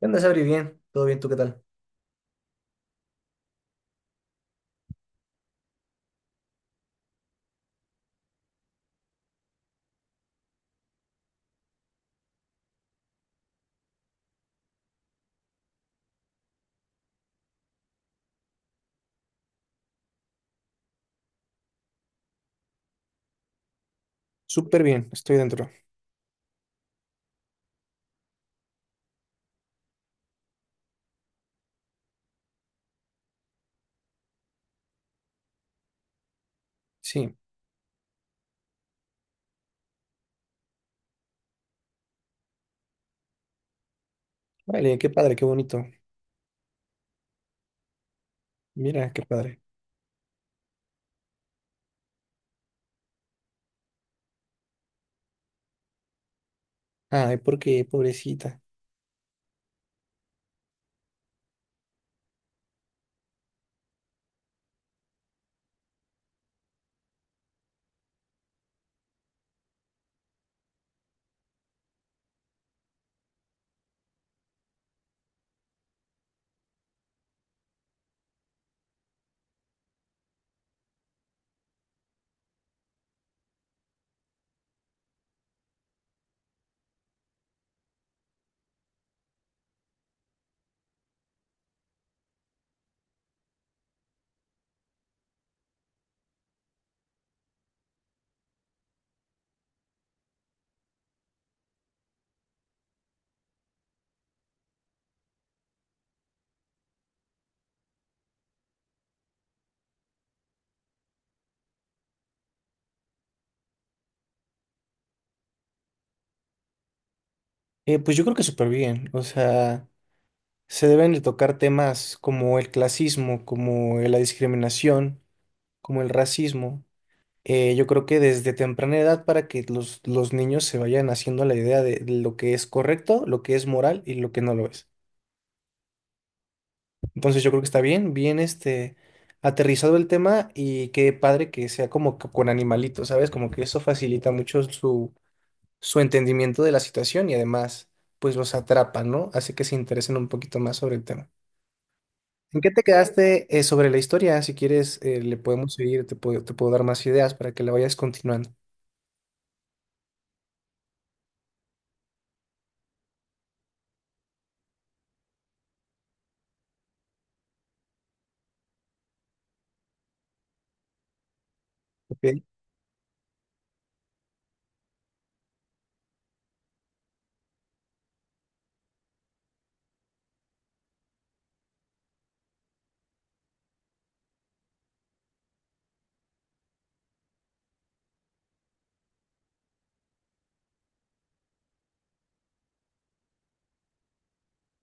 ¿Qué onda, Sabri? Bien, todo bien, ¿tú qué tal? Súper bien, estoy dentro. Sí, vale, qué padre, qué bonito. Mira, qué padre. Ay, ¿por qué, pobrecita? Pues yo creo que súper bien. O sea, se deben de tocar temas como el clasismo, como la discriminación, como el racismo. Yo creo que desde temprana edad para que los niños se vayan haciendo la idea de lo que es correcto, lo que es moral y lo que no lo es. Entonces yo creo que está bien este aterrizado el tema y qué padre que sea como que con animalitos, ¿sabes? Como que eso facilita mucho su entendimiento de la situación y además pues los atrapa, ¿no? Hace que se interesen un poquito más sobre el tema. ¿En qué te quedaste sobre la historia? Si quieres, le podemos seguir, te puedo dar más ideas para que la vayas continuando, ¿ok?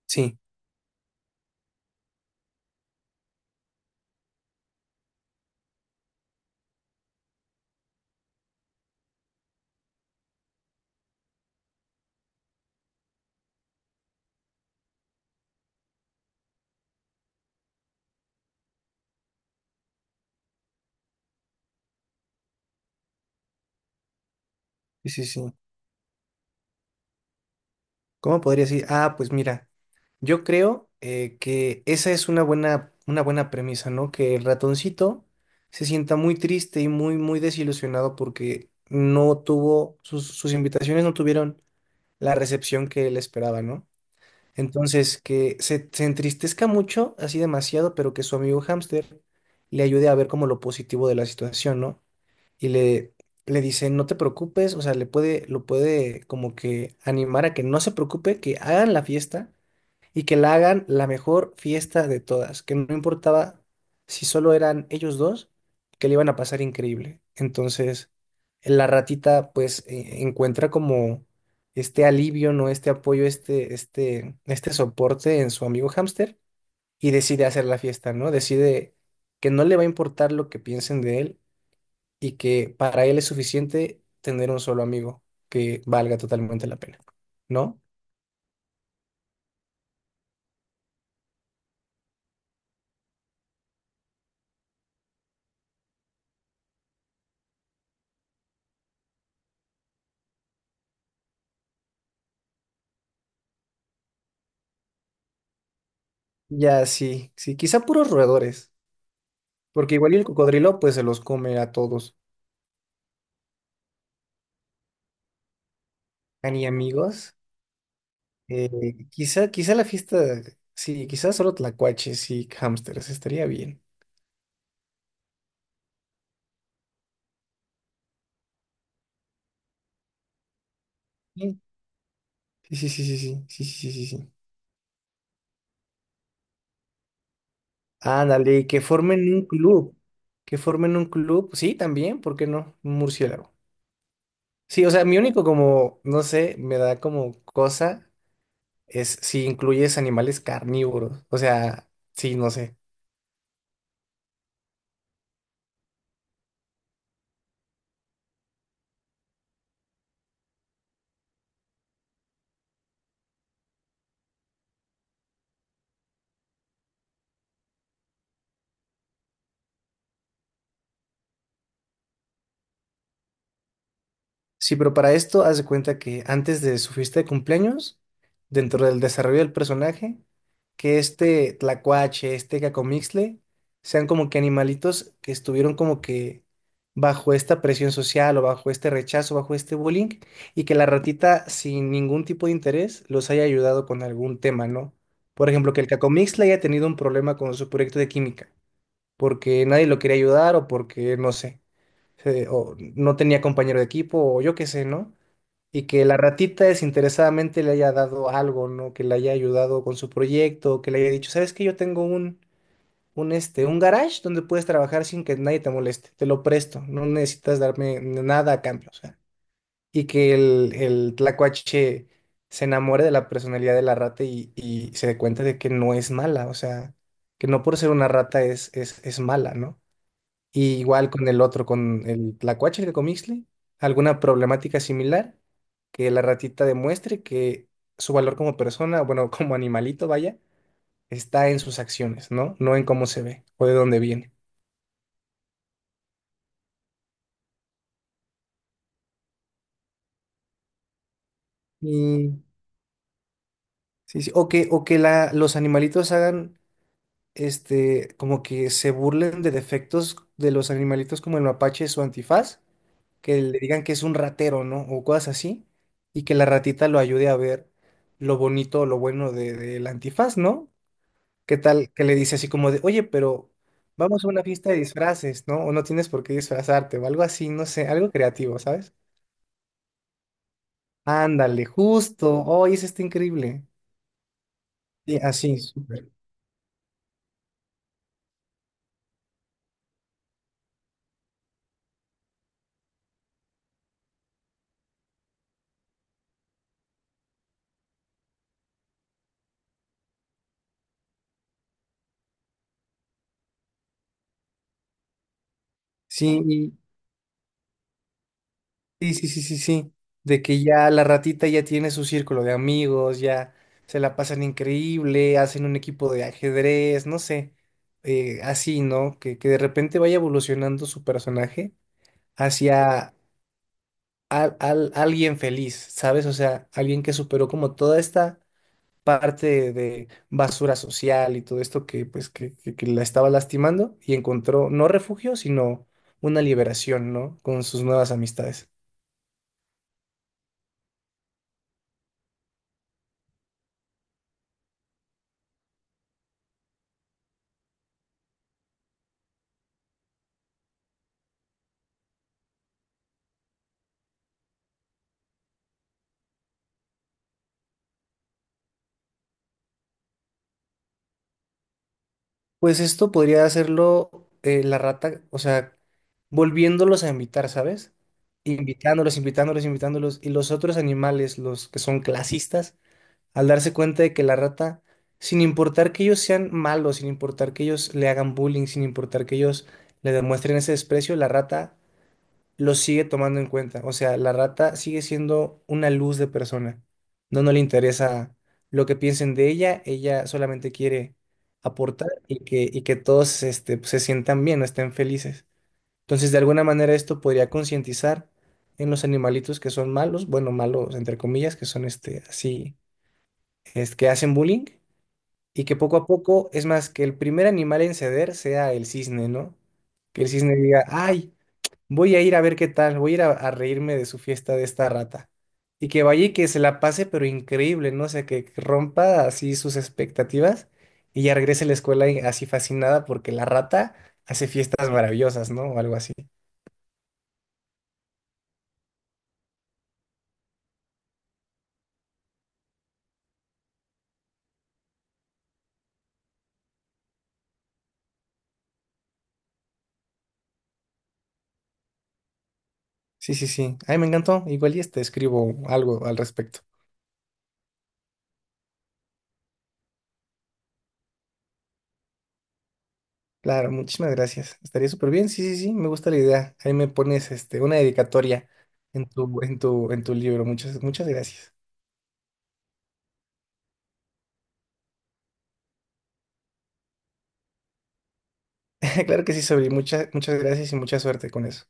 Sí, sí, sí, sí. ¿Cómo podría decir? Ah, pues mira, yo creo que esa es una una buena premisa, ¿no? Que el ratoncito se sienta muy triste y muy desilusionado porque no tuvo, sus invitaciones no tuvieron la recepción que él esperaba, ¿no? Entonces, se entristezca mucho, así demasiado, pero que su amigo hámster le ayude a ver como lo positivo de la situación, ¿no? Y le dice, no te preocupes, o sea, lo puede como que animar a que no se preocupe, que hagan la fiesta y que la hagan la mejor fiesta de todas, que no importaba si solo eran ellos dos, que le iban a pasar increíble. Entonces, la ratita pues encuentra como este alivio, ¿no? Este apoyo, este soporte en su amigo hámster y decide hacer la fiesta, ¿no? Decide que no le va a importar lo que piensen de él y que para él es suficiente tener un solo amigo que valga totalmente la pena, ¿no? Ya, sí, sí, quizá puros roedores, porque igual y el cocodrilo pues se los come a todos, a ni amigos. eh, Quizá la fiesta, sí, quizá solo tlacuaches y hámsters, estaría bien. Sí, sí, sí, sí, sí, sí, sí, sí, sí, sí. Ándale, y que formen un club, que formen un club, sí, también, ¿por qué no? Un murciélago. Sí, o sea, mi único como, no sé, me da como cosa es si incluyes animales carnívoros. O sea, sí, no sé. Sí, pero para esto, haz de cuenta que antes de su fiesta de cumpleaños, dentro del desarrollo del personaje, que este tlacuache, este cacomixle, sean como que animalitos que estuvieron como que bajo esta presión social o bajo este rechazo, bajo este bullying, y que la ratita, sin ningún tipo de interés, los haya ayudado con algún tema, ¿no? Por ejemplo, que el cacomixle haya tenido un problema con su proyecto de química porque nadie lo quería ayudar o porque, no sé, se- o no tenía compañero de equipo o yo qué sé, ¿no? Y que la ratita desinteresadamente le haya dado algo, ¿no? Que le haya ayudado con su proyecto, que le haya dicho, ¿sabes qué? Yo tengo un, este, un garage donde puedes trabajar sin que nadie te moleste, te lo presto, no necesitas darme nada a cambio, o sea. Y que el tlacuache se enamore de la personalidad de la rata y se dé cuenta de que no es mala, o sea, que no por ser una rata es mala, ¿no? Y igual con el otro, con el tlacuache, el comixle, alguna problemática similar que la ratita demuestre que su valor como persona, bueno, como animalito, vaya, está en sus acciones, ¿no? No en cómo se ve o de dónde viene. Y sí, sí. O que la, los animalitos hagan, este, como que se burlen de defectos de los animalitos como el mapache, su antifaz, que le digan que es un ratero, ¿no? O cosas así, y que la ratita lo ayude a ver lo bonito o lo bueno del antifaz, ¿no? ¿Qué tal que le dice así como de, oye, pero vamos a una fiesta de disfraces, ¿no? O no tienes por qué disfrazarte, o algo así, no sé, algo creativo, ¿sabes? Ándale, justo, oye, eso está increíble. Sí, así, sí. Sí, sí, sí, sí, sí. De que ya la ratita ya tiene su círculo de amigos, ya se la pasan increíble, hacen un equipo de ajedrez, no sé, así, ¿no? Que de repente vaya evolucionando su personaje hacia alguien feliz, ¿sabes? O sea, alguien que superó como toda esta parte de basura social y todo esto que pues que la estaba lastimando y encontró no refugio, sino una liberación, ¿no? Con sus nuevas amistades. Pues esto podría hacerlo la rata, o sea, volviéndolos a invitar, ¿sabes? Invitándolos, invitándolos, invitándolos. Y los otros animales, los que son clasistas, al darse cuenta de que la rata, sin importar que ellos sean malos, sin importar que ellos le hagan bullying, sin importar que ellos le demuestren ese desprecio, la rata lo sigue tomando en cuenta. O sea, la rata sigue siendo una luz de persona. No, no le interesa lo que piensen de ella, ella solamente quiere aportar y y que todos este, pues, se sientan bien, estén felices. Entonces, de alguna manera esto podría concientizar en los animalitos que son malos, bueno, malos entre comillas, que son este, así, es que hacen bullying. Y que poco a poco, es más, que el primer animal en ceder sea el cisne, ¿no? Que el cisne diga, ay, voy a ir a ver qué tal, voy a ir a reírme de su fiesta de esta rata. Y que vaya y que se la pase, pero increíble, ¿no? O sea, que rompa así sus expectativas y ya regrese a la escuela así fascinada porque la rata hace fiestas maravillosas, ¿no? O algo así. Sí, sí, sí. Ay, me encantó. Igual y te escribo algo al respecto. Claro, muchísimas gracias. Estaría súper bien. Sí, sí, sí, me gusta la idea. Ahí me pones este, una dedicatoria en tu libro. Muchas, muchas gracias. Claro que sí, Sobri. Muchas, muchas gracias y mucha suerte con eso.